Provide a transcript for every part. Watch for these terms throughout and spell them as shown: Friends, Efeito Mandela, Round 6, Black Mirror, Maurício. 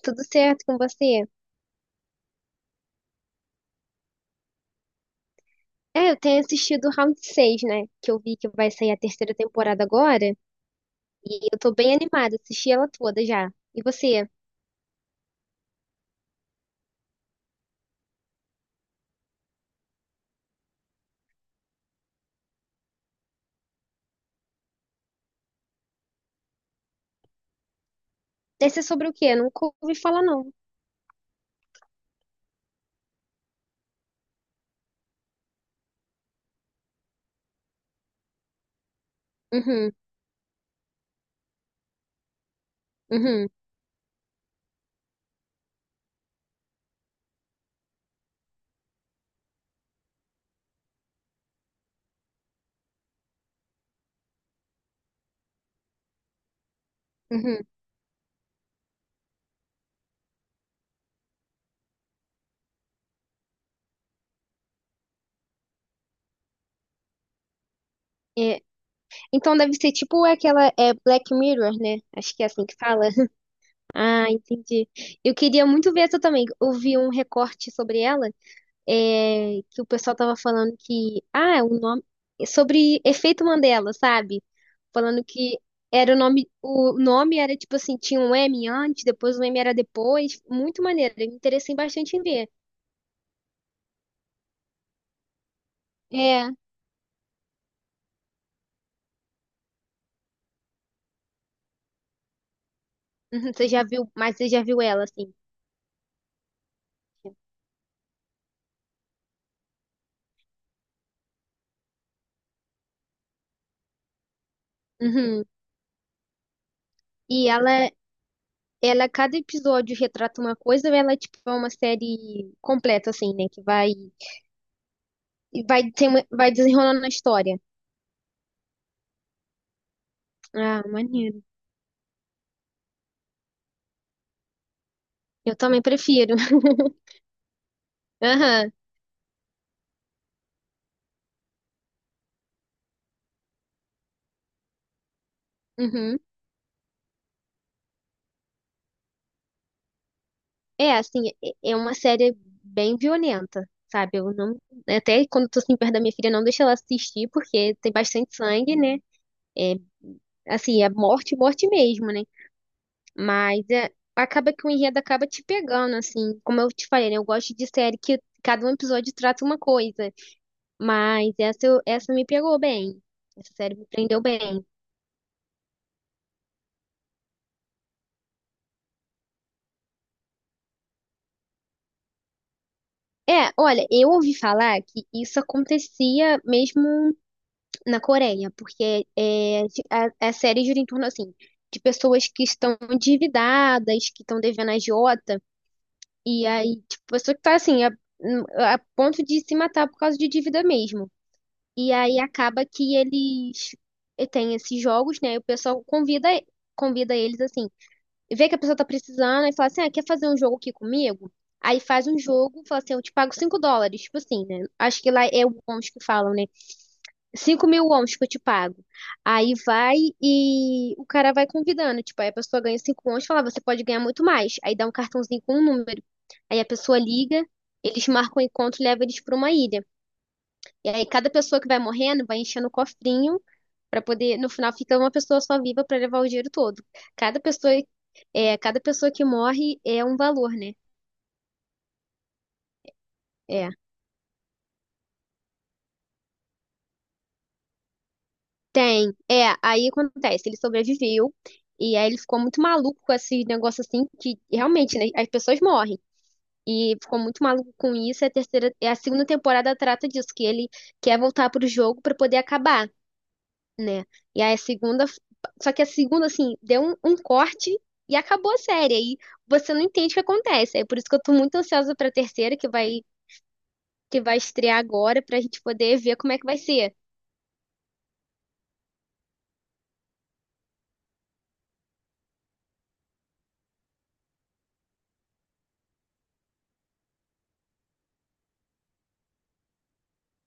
Tudo certo com você? Eu tenho assistido o Round 6, né? Que eu vi que vai sair a terceira temporada agora. E eu tô bem animada, assisti ela toda já. E você? Deve ser sobre o quê? Eu nunca ouvi falar, não. Uhum, uhum, uhum. É, Então deve ser tipo aquela Black Mirror, né? Acho que é assim que fala. Ah, entendi. Eu queria muito ver essa também. Eu vi um recorte sobre ela que o pessoal tava falando que, ah, o nome sobre efeito Mandela, sabe? Falando que era o nome era tipo assim, tinha um M antes, depois o M era depois, muito maneiro, eu me interessei bastante em ver. É, uhum, você já viu, mas você já viu ela assim. Uhum. E ela Ela, cada episódio retrata uma coisa, ela, tipo, é uma série completa, assim, né? E vai, tem, vai desenrolando a história. Ah, maneiro. Eu também prefiro. Aham. Uhum. É, assim, é uma série bem violenta, sabe? Eu não, até quando tô assim, perto da minha filha, não deixo ela assistir, porque tem bastante sangue, né? É, assim, é morte, morte mesmo, né? Mas é, acaba que o enredo acaba te pegando, assim. Como eu te falei, né? Eu gosto de série que cada um episódio trata uma coisa. Mas essa, essa me pegou bem. Essa série me prendeu bem. É, olha, eu ouvi falar que isso acontecia mesmo na Coreia, porque é, a série gira em torno, assim, de pessoas que estão endividadas, que estão devendo a agiota, e aí, tipo, pessoa que tá, assim, a ponto de se matar por causa de dívida mesmo. E aí acaba que eles têm esses jogos, né, e o pessoal convida, convida eles, assim, vê que a pessoa tá precisando e fala assim, ah, quer fazer um jogo aqui comigo? Aí faz um jogo, fala assim, eu te pago 5 dólares, tipo assim, né? Acho que lá é o bônus que falam, né? 5 mil wons que eu te pago. Aí vai e o cara vai convidando. Tipo, aí a pessoa ganha 5 wons e fala, "Ah, você pode ganhar muito mais." Aí dá um cartãozinho com um número. Aí a pessoa liga, eles marcam o encontro e levam eles pra uma ilha. E aí cada pessoa que vai morrendo vai enchendo o cofrinho pra poder. No final fica uma pessoa só viva pra levar o dinheiro todo. Cada pessoa, é, cada pessoa que morre é um valor, né? É. Tem, é, aí acontece, ele sobreviveu, e aí ele ficou muito maluco com esses negócios assim, que realmente, né, as pessoas morrem, e ficou muito maluco com isso, e a segunda temporada trata disso, que ele quer voltar pro jogo pra poder acabar, né, e aí a segunda, só que a segunda, assim, deu um corte e acabou a série, aí você não entende o que acontece, é por isso que eu tô muito ansiosa pra terceira, que vai estrear agora, pra gente poder ver como é que vai ser.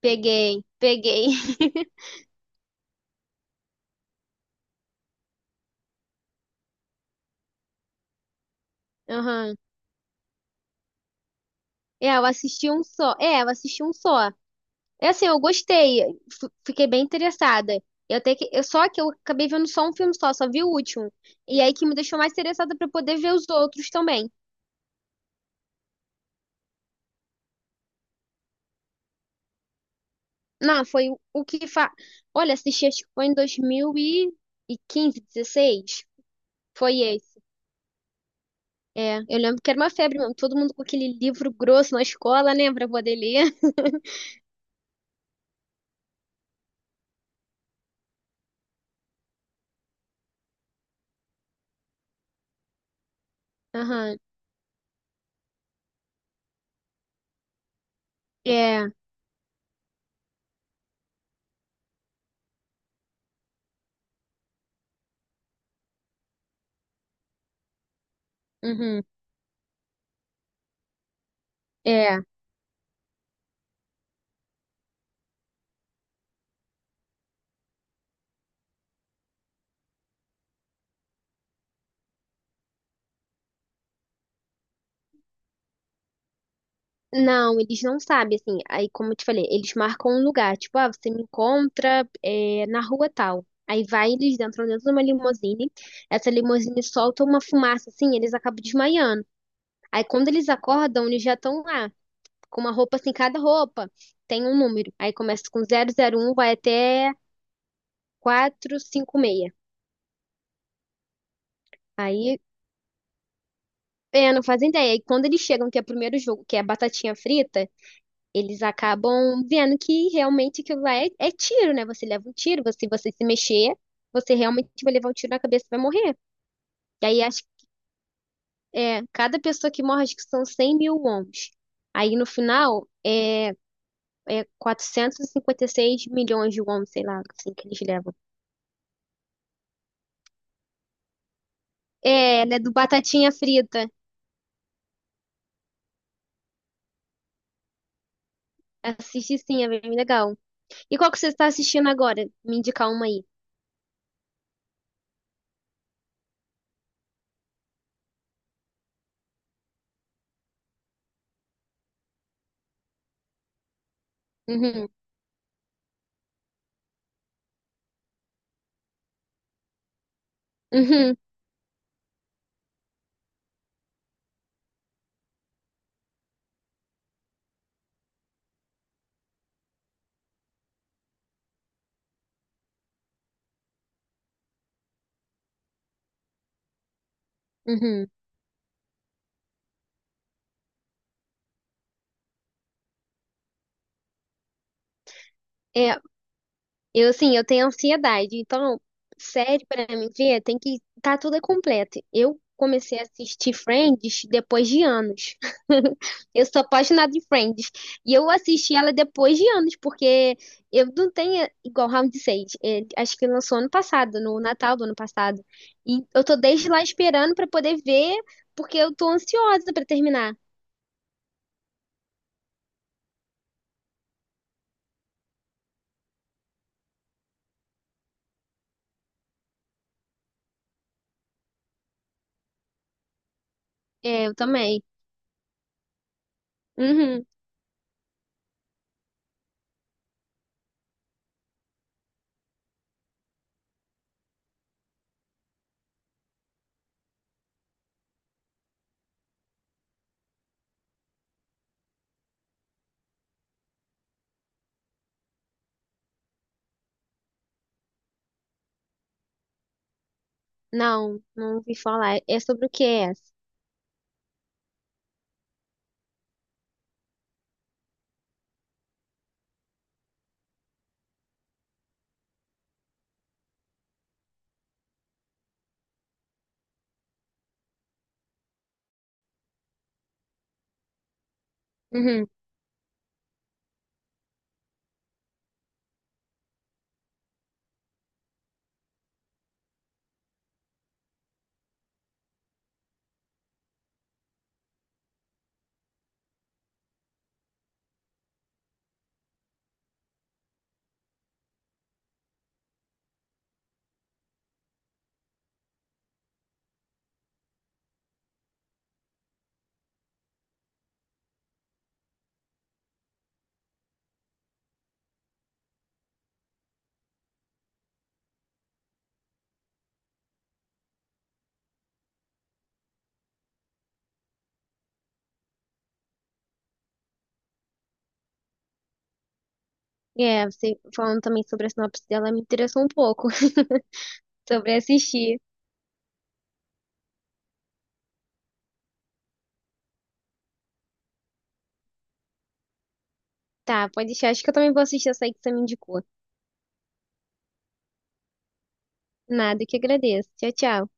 Peguei, peguei. Aham. É, eu assisti um só. É, eu assisti um só. É assim, eu gostei. Fiquei bem interessada. Eu até que, eu, Só que eu acabei vendo só um filme só, só vi o último. E aí que me deixou mais interessada pra poder ver os outros também. Não, foi o que fa... Olha, assisti acho que foi em 2015 2016. Foi esse. É, eu lembro que era uma febre mesmo. Todo mundo com aquele livro grosso na escola, né? Pra poder ler. Aham. É. Uhum. É. Não, eles não sabem, assim. Aí, como eu te falei, eles marcam um lugar. Tipo, ah, você me encontra é, na rua tal. Aí vai, eles entram dentro de uma limusine. Essa limusine solta uma fumaça, assim, eles acabam desmaiando. Aí, quando eles acordam, eles já estão lá, com uma roupa assim, cada roupa tem um número. Aí começa com 001, vai até 456. Aí, é, não fazem ideia. Aí, quando eles chegam, que é o primeiro jogo, que é a batatinha frita, eles acabam vendo que realmente aquilo lá é tiro, né? Você leva um tiro, se você se mexer, você realmente vai levar um tiro na cabeça e vai morrer. E aí acho que é, cada pessoa que morre, acho que são 100 mil wons. Aí no final é quatrocentos e cinquenta e seis milhões de wons, sei lá, assim que eles levam. É, ela é do Batatinha Frita. Assiste sim, é bem legal. E qual que você está assistindo agora? Me indicar uma aí. Uhum, uhum, uhum. É, Eu, assim, eu tenho ansiedade, então, série pra mim ver, tem que tá tudo completo. Eu comecei a assistir Friends depois de anos. Eu sou apaixonada de Friends. E eu assisti ela depois de anos, porque eu não tenho igual Round 6. Acho que lançou ano passado, no Natal do ano passado. E eu tô desde lá esperando pra poder ver, porque eu tô ansiosa pra terminar. É, eu também. Uhum. Não, não ouvi falar. É sobre o que é essa? Uhum. É, você falando também sobre a sinopse dela me interessou um pouco sobre assistir. Tá, pode deixar. Acho que eu também vou assistir essa aí que você me indicou. Nada, que agradeço. Tchau, tchau.